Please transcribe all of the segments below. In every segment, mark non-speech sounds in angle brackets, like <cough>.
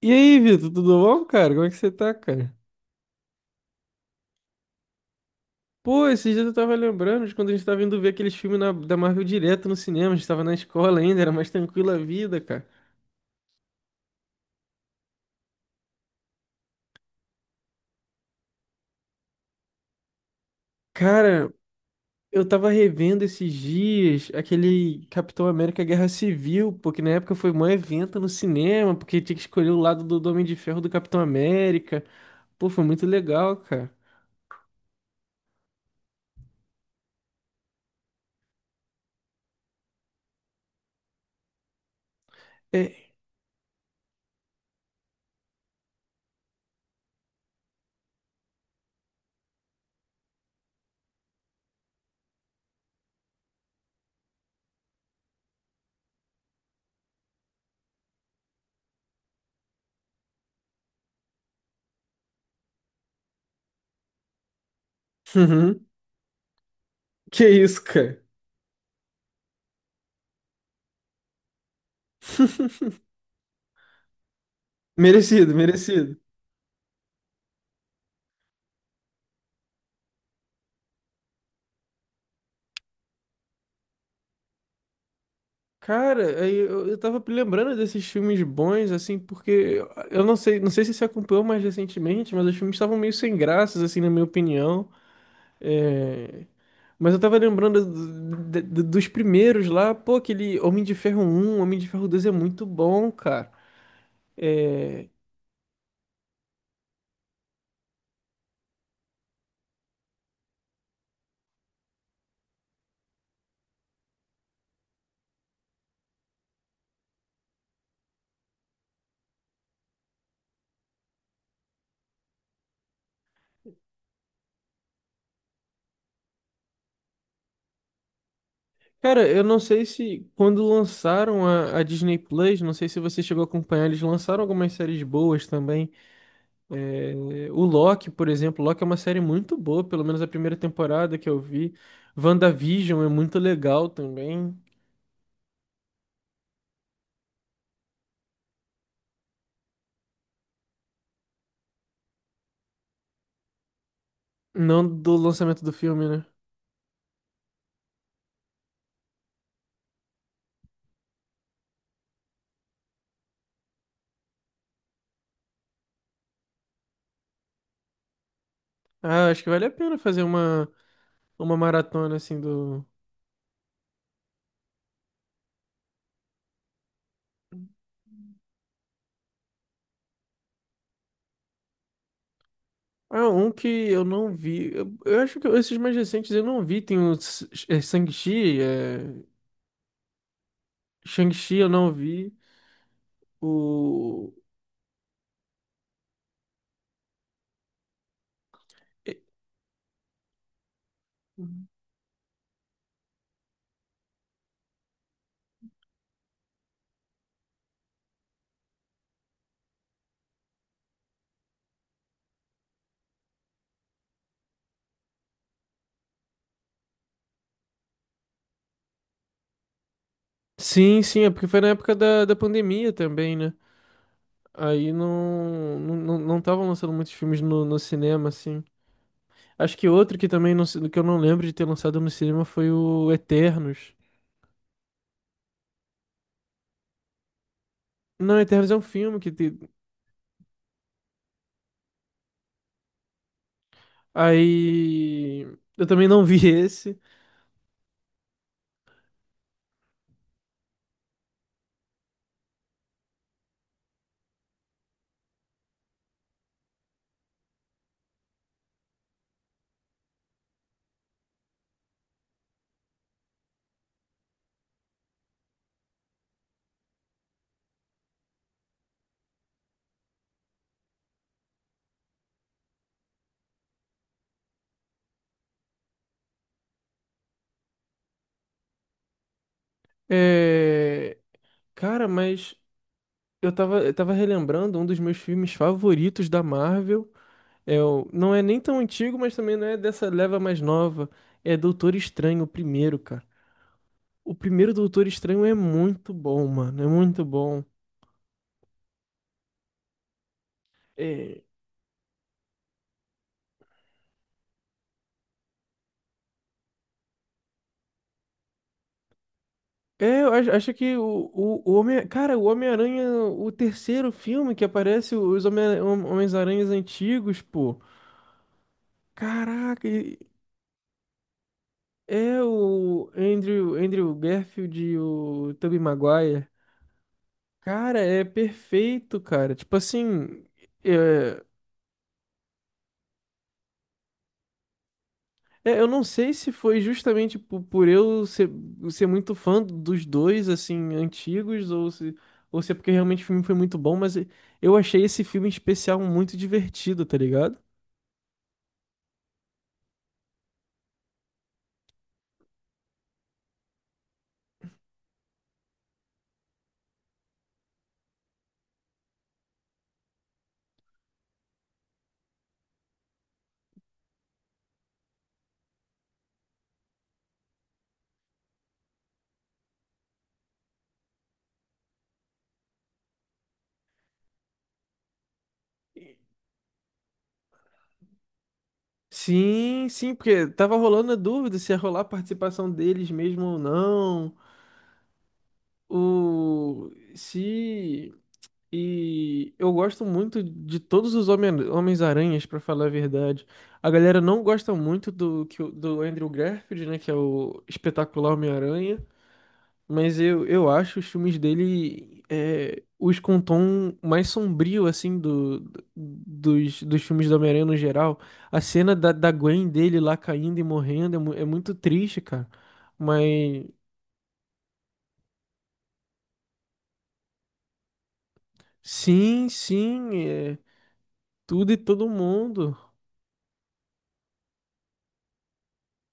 E aí, Vitor, tudo bom, cara? Como é que você tá, cara? Pô, esses dias eu tava lembrando de quando a gente tava indo ver aqueles filmes da Marvel direto no cinema. A gente tava na escola ainda, era mais tranquila a vida, cara. Cara, eu tava revendo esses dias aquele Capitão América Guerra Civil, porque na época foi um evento no cinema, porque tinha que escolher o lado do Homem de Ferro, do Capitão América. Pô, foi muito legal, cara. É. <laughs> Uhum. Que isso, cara? <laughs> Merecido, merecido. Cara, aí eu tava lembrando desses filmes bons, assim, porque eu não sei, não sei se você acompanhou mais recentemente, mas os filmes estavam meio sem graças, assim, na minha opinião. É, Mas eu tava lembrando dos primeiros lá, pô. Aquele Homem de Ferro um, Homem de Ferro 2 é muito bom, cara. É. Cara, eu não sei se quando lançaram a Disney Plus, não sei se você chegou a acompanhar, eles lançaram algumas séries boas também. O Loki, por exemplo, Loki é uma série muito boa, pelo menos a primeira temporada que eu vi. WandaVision é muito legal também. Não do lançamento do filme, né? Ah, acho que vale a pena fazer uma maratona assim do. Ah, um que eu não vi. Eu acho que esses mais recentes eu não vi. Tem o Shang-Chi, é... Shang-Chi eu não vi. O. É. Sim, sim, é porque foi na época da pandemia também, né? Aí não estavam lançando muitos filmes no cinema, assim. Acho que outro que também não, que eu não lembro de ter lançado no cinema foi o Eternos. Não, Eternos é um filme que tem... Aí. Eu também não vi esse. É... Cara, mas eu tava relembrando um dos meus filmes favoritos da Marvel. É, não é nem tão antigo, mas também não é dessa leva mais nova. É Doutor Estranho, o primeiro, cara. O primeiro Doutor Estranho é muito bom, mano. É muito bom. É. É, eu acho, acho que o Homem... Cara, o Homem-Aranha, o terceiro filme que aparece os Homens-Aranhas antigos, pô. Caraca, e- é o Andrew Garfield e o Tobey Maguire. Cara, é perfeito, cara. Tipo assim, é. É, eu não sei se foi justamente ser muito fã dos dois, assim, antigos, ou se é porque realmente o filme foi muito bom, mas eu achei esse filme em especial muito divertido, tá ligado? Sim, sim, porque tava rolando a dúvida se ia rolar a participação deles mesmo ou não, o se. E eu gosto muito de todos os Homens-Aranhas, pra falar a verdade. A galera não gosta muito do Andrew Garfield, né? Que é o espetacular Homem-Aranha. Mas eu acho os filmes dele é, os com um tom mais sombrio, assim, dos filmes do Homem-Aranha no geral. A cena da Gwen dele lá caindo e morrendo é, é muito triste, cara. Mas sim, sim, é tudo e todo mundo.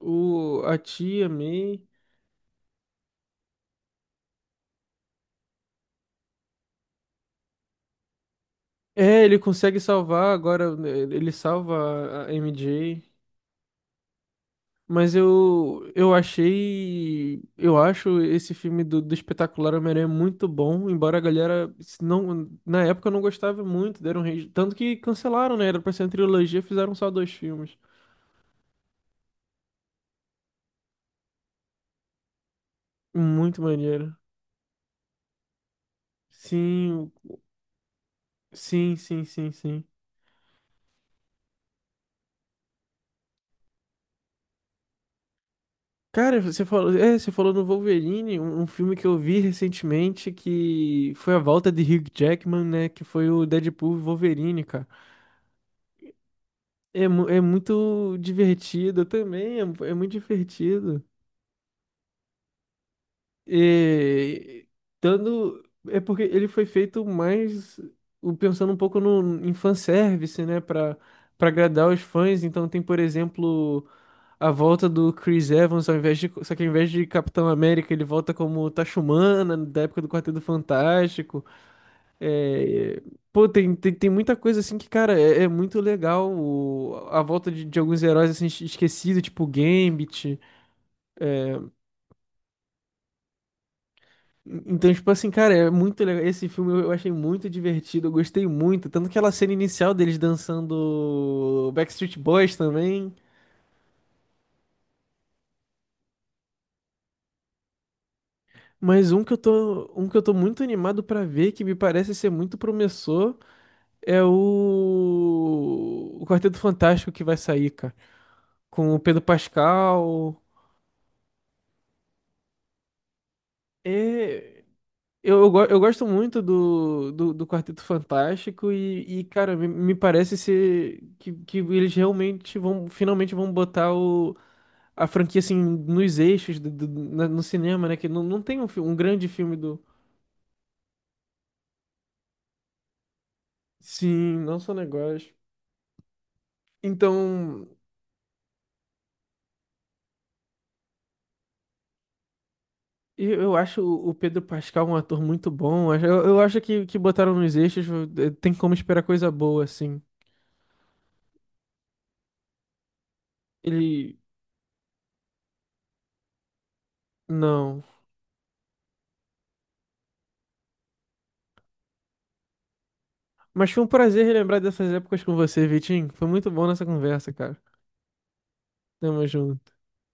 O, a tia May. É, ele consegue salvar agora, né. Ele salva a MJ. Mas eu achei. Eu acho esse filme do Espetacular Homem-Aranha muito bom. Embora a galera se não, na época não gostava muito. Deram rage. Tanto que cancelaram, né? Era pra ser uma trilogia, fizeram só dois filmes. Muito maneiro. Sim, sim, sim, sim, sim. Cara, você falou no Wolverine, um filme que eu vi recentemente que foi a volta de Hugh Jackman, né? Que foi o Deadpool e Wolverine, cara. É, é muito divertido também, é, é muito divertido. E, dando, é porque ele foi feito mais pensando um pouco no, em fanservice, né? Pra, pra agradar os fãs. Então tem, por exemplo, a volta do Chris Evans, só que ao invés de Capitão América, ele volta como Tachumana, da época do Quarteto Fantástico. É, pô, tem muita coisa assim que, cara, é, é muito legal a volta de alguns heróis assim esquecidos, tipo Gambit. Então, tipo assim, cara, é muito legal. Esse filme eu achei muito divertido, eu gostei muito. Tanto aquela cena inicial deles dançando Backstreet Boys também. Mas um que eu tô muito animado pra ver, que me parece ser muito promissor, é o Quarteto Fantástico que vai sair, cara. Com o Pedro Pascal. É... eu gosto muito do Quarteto Fantástico e, cara, me parece ser que eles realmente vão, finalmente vão botar o, a franquia, assim, nos eixos no cinema, né? Que não, não tem um, um grande filme do... Sim, não sou negócio. Então, eu acho o Pedro Pascal um ator muito bom. Eu acho que botaram nos eixos, tem como esperar coisa boa, assim. Ele. Não. Mas foi um prazer relembrar dessas épocas com você, Vitinho. Foi muito bom nessa conversa, cara. Tamo junto.